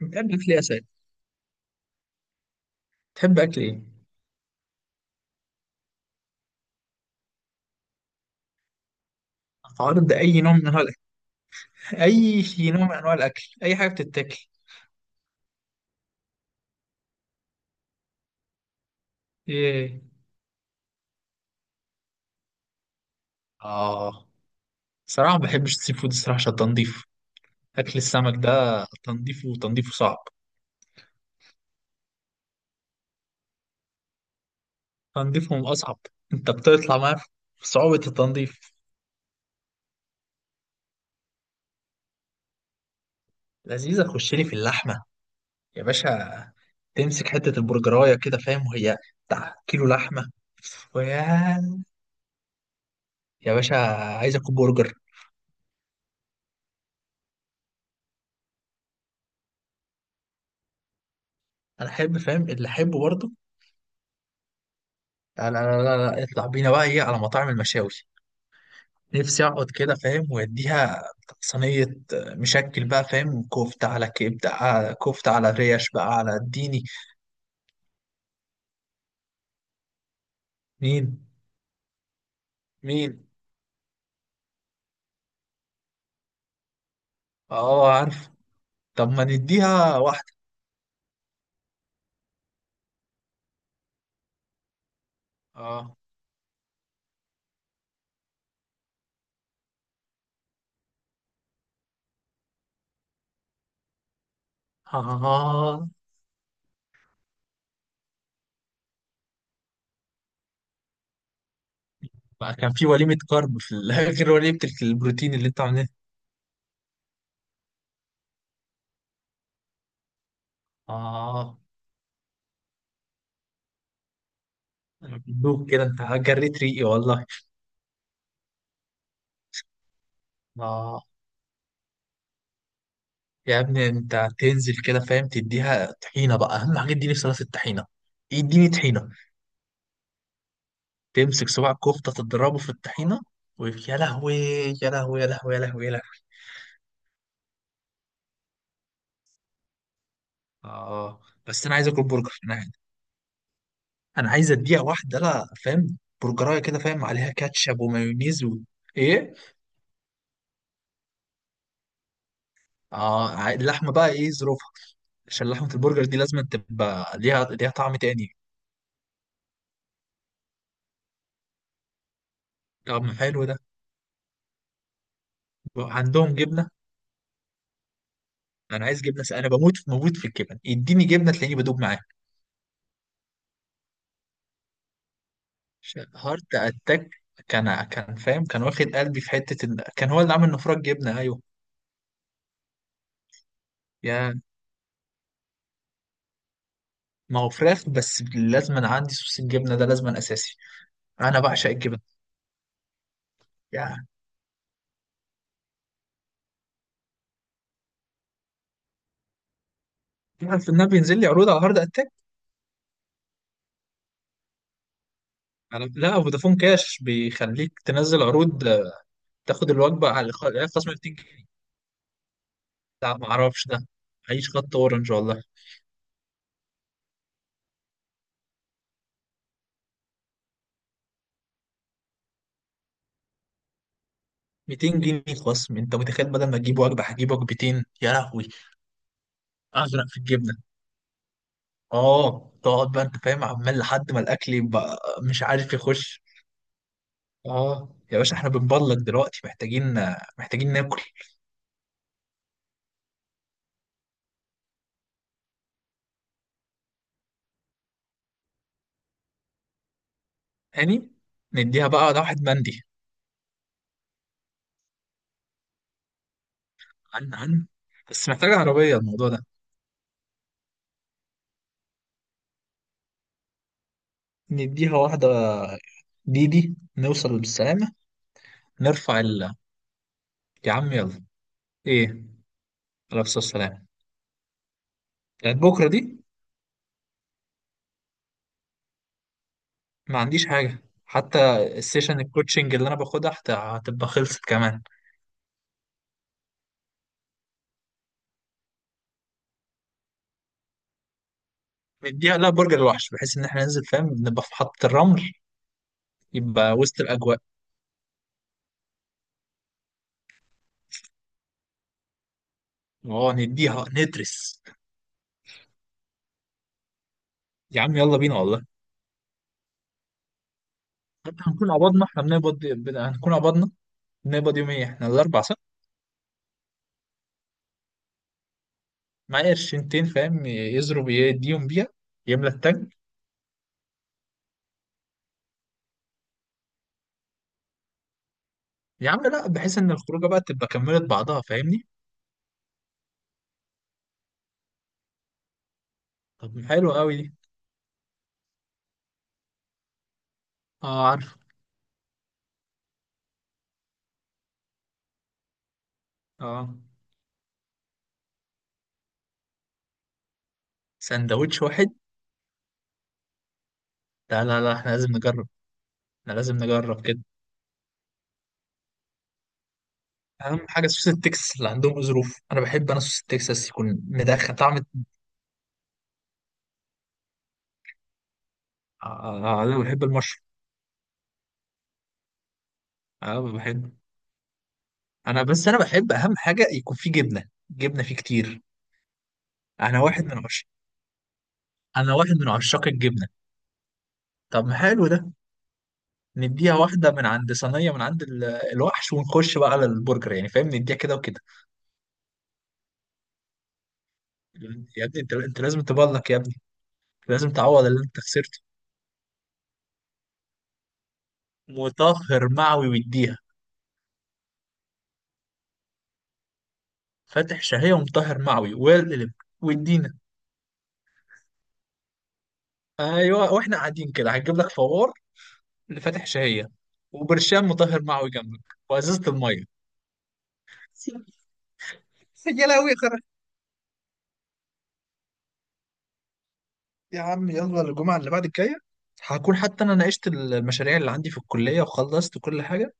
بتحب اكل ايه يا سيد؟ تحب اكل ايه؟ عارض اي نوع من انواع الاكل، اي نوع من انواع الاكل، اي حاجه بتتاكل. ايه. اه، صراحه ما بحبش السي فود الصراحه عشان تنظيف اكل السمك ده. تنظيفه صعب. تنظيفه من اصعب. انت بتطلع معاه في صعوبه التنظيف. لذيذه، تخش لي في اللحمه يا باشا. تمسك حته البرجرايه كده فاهم، وهي بتاع كيلو لحمه. ويا يا باشا عايز اكل برجر. انا احب فاهم اللي احبه برضه. لا لا لا لا لا، اطلع بينا بقى ايه على مطاعم المشاوي. نفسي اقعد كده فاهم ويديها صينية. مشكل بقى فاهم، كفتة على كبدة على كفتة على ريش بقى على اديني. مين؟ مين؟ اه عارف. طب ما نديها واحدة. اه. اه، بقى كان في وليمة كارب في غير وليمة البروتين اللي انت عاملينها. اه، انا بدوب كده، انت جريت ريقي والله. اه، يا ابني انت تنزل كده فاهم تديها طحينه بقى، اهم حاجه اديني صلصه الطحينه. اديني طحينه. تمسك صباع كفته، تضربه في الطحينه. يا لهوي، يا لهوي يا لهوي يا لهوي يا لهوي. اه، بس انا عايز اكل برجر انا. انا عايز اديها واحده لا فاهم برجرايه كده فاهم عليها كاتشب ومايونيز و... ايه؟ اه، اللحمه بقى ايه ظروفها؟ عشان لحمه البرجر دي لازم تبقى ليها طعم تاني. طعم حلو ده. عندهم جبنه؟ انا عايز جبنه انا بموت في الجبن، اديني جبنه تلاقيني بدوب معاها. هارت اتاك. كان فاهم، كان واخد قلبي في حته ال... كان هو اللي عامل نفرج جبنه. ايوه. يا، ما هو فراخ بس، لازم أنا عندي صوص الجبنه ده لازم، أنا اساسي. انا بعشق الجبن يعني. تعرف ان انا بينزل لي عروض على هارد اتاك. أنا... لا، فودافون كاش بيخليك تنزل عروض، تاخد الوجبه على على خصم 200 جنيه. لا، ما اعرفش ده. عيش خط اورنج والله. 200 جنيه خصم، انت متخيل؟ بدل ما تجيب وجبه هجيب وجبتين، يا لهوي. اغرق في الجبنه. اه، تقعد بقى انت فاهم عمال لحد ما الاكل يبقى مش عارف يخش. اه يا باشا، احنا بنبلك دلوقتي، محتاجين، محتاجين ناكل. هاني. نديها بقى، ده واحد مندي. عن عن. بس محتاجة عربية الموضوع ده. نديها واحدة ديدي نوصل بالسلامة. نرفع ال. يا عم يلا. ايه؟ على الصلاة والسلام. يعني بكرة دي؟ ما عنديش حاجة حتى. السيشن الكوتشنج اللي انا باخدها هتبقى خلصت كمان. نديها. لا، برجر الوحش، بحيث ان احنا ننزل فاهم نبقى في محطة الرمل. يبقى وسط الاجواء. اه، نديها ندرس. يا عم يلا بينا والله. حتى هنكون قبضنا، احنا بنقبض هنكون قبضنا. بنقبض يوم ايه احنا، الاربع صح؟ معايا قرشنتين فاهم يضرب يديهم بيها، يملى التانك. يا عم لا، بحيث ان الخروجه بقى تبقى كملت بعضها فاهمني. طب حلو قوي دي. اه عارف. اه. سندوتش واحد؟ لا لا لا، احنا لازم نجرب، احنا لازم نجرب كده. اهم حاجه سوس التكساس اللي عندهم ظروف، انا بحب انا سوس التكساس يكون مدخن طعم. آه، انا بحب المشروم. اه بحب. انا بس، انا بحب اهم حاجه يكون فيه جبنه، جبنه فيه كتير. انا واحد من انا واحد من عشاق الجبنه. طب ما حلو ده. نديها واحده من عند صينيه من عند الوحش، ونخش بقى على البرجر يعني فاهم، نديها كده وكده. يا ابني انت لازم تبلك يا ابني، لازم تعوض اللي انت خسرته. مطهر معوي ويديها. فاتح شهيه ومطهر معوي والقلب، ويدينا. ايوه، واحنا قاعدين كده هتجيب لك فوار لفاتح شهيه، وبرشام مطهر معوي جنبك، وازازه الميه. يا لهوي. يا عم يلا الجمعة اللي بعد الجاية، هكون حتى أنا ناقشت المشاريع اللي عندي في الكلية وخلصت كل حاجة،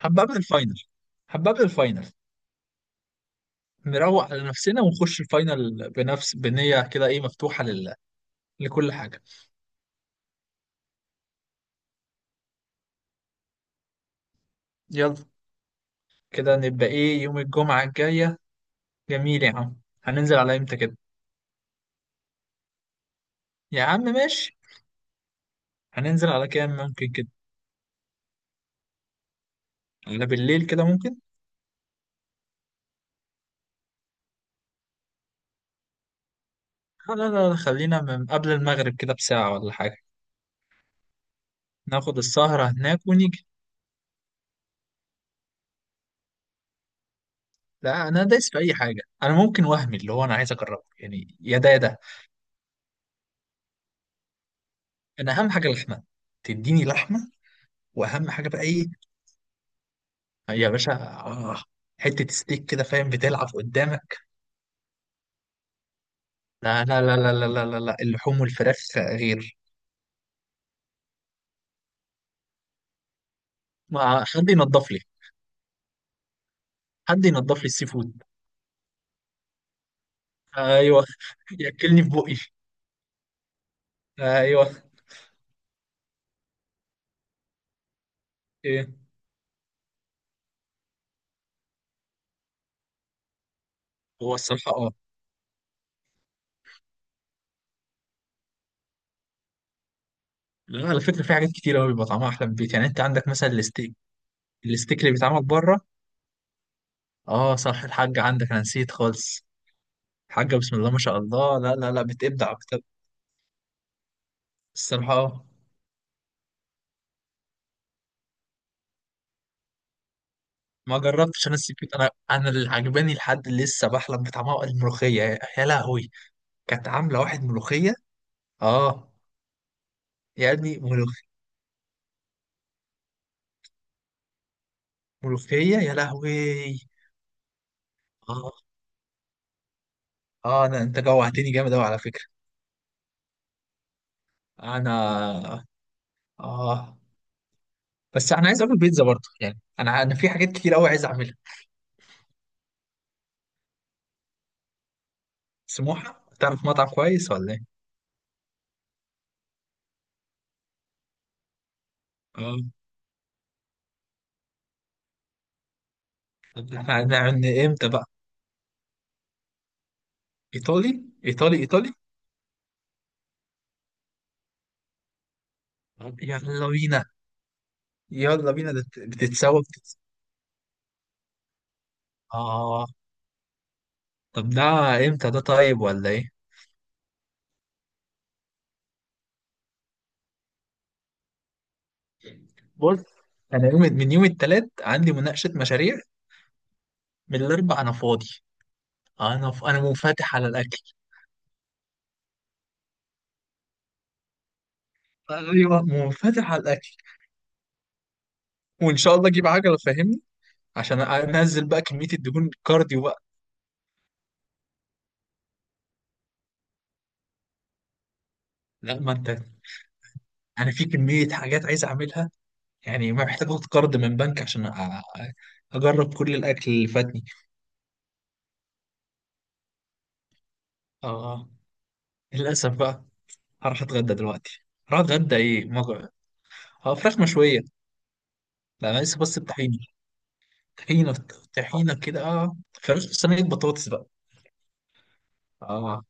هبقى قبل الفاينل، هبقى قبل الفاينل. نروق على نفسنا ونخش الفاينل بنفس بنية كده إيه مفتوحة لل... لكل حاجة. يلا. كده نبقى إيه يوم الجمعة الجاية. جميل يا عم. هننزل على إمتى كده؟ يا عم ماشي. هننزل على كام ممكن كده؟ على بالليل كده ممكن. لا لا لا، خلينا من قبل المغرب كده بساعة ولا حاجة. ناخد السهرة هناك ونيجي. لا، انا دايس في اي حاجه انا، ممكن وهمي اللي هو انا عايز اجربه يعني، يا ده يا ده. انا اهم حاجه اللحمه، تديني لحمه. واهم حاجه بقى ايه، يا باشا آه، حته ستيك كده فاهم بتلعب قدامك. لا لا لا لا لا لا لا، لا. اللحوم والفراخ غير. ما حد ينضف لي. حد ينضف لي السي فود. ايوه. ياكلني في بقي. ايوه. ايه؟ هو الصراحه اه. لا على فكره، في حاجات كتير قوي بيبقى طعمها احلى من البيت، يعني انت عندك مثلا الستيك، الستيك اللي بيتعمل بره. اه صح، الحاج عندك، انا نسيت خالص. حاجة بسم الله ما شاء الله، لا لا لا، بتبدع بتبدع. الصراحة ما جربتش انا السي فود. انا، انا اللي عجباني لحد اللي لسه بحلم بطعمها الملوخية، يا يا لهوي. كانت عاملة واحد ملوخية. اه. يا ابني ملوخية يا لهوي. اه. اه، انا انت جوعتني جامد اوي على فكرة. انا. اه، بس انا عايز اكل بيتزا برضه يعني، انا انا في حاجات كتير اوي عايز اعملها. سموحة، تعرف مطعم كويس ولا ايه؟ اه. طب احنا هنعمل امتى بقى؟ ايطالي ايطالي ايطالي. طب يلا بينا. يلا بينا ده بتتسوى اه. طب ده امتى ده، طيب ولا ايه؟ بص، انا يوم من يوم التلات عندي مناقشة مشاريع، من الاربع انا فاضي. انا ف... انا منفتح على الاكل. ايوه، منفتح على الاكل. وان شاء الله اجيب عجلة فاهمني، عشان انزل بقى كمية الدهون، كارديو بقى. لا ما انت، انا في كمية حاجات عايز اعملها يعني، ما محتاج اخد قرض من بنك عشان اجرب كل الاكل اللي فاتني. اه، للاسف بقى. هروح اتغدى دلوقتي. هروح اتغدى ايه اه، فراخ مشويه. لا انا لسه بس بطحينه. طحينه، طحينه كده اه. فراخ صينيه بطاطس بقى. اه.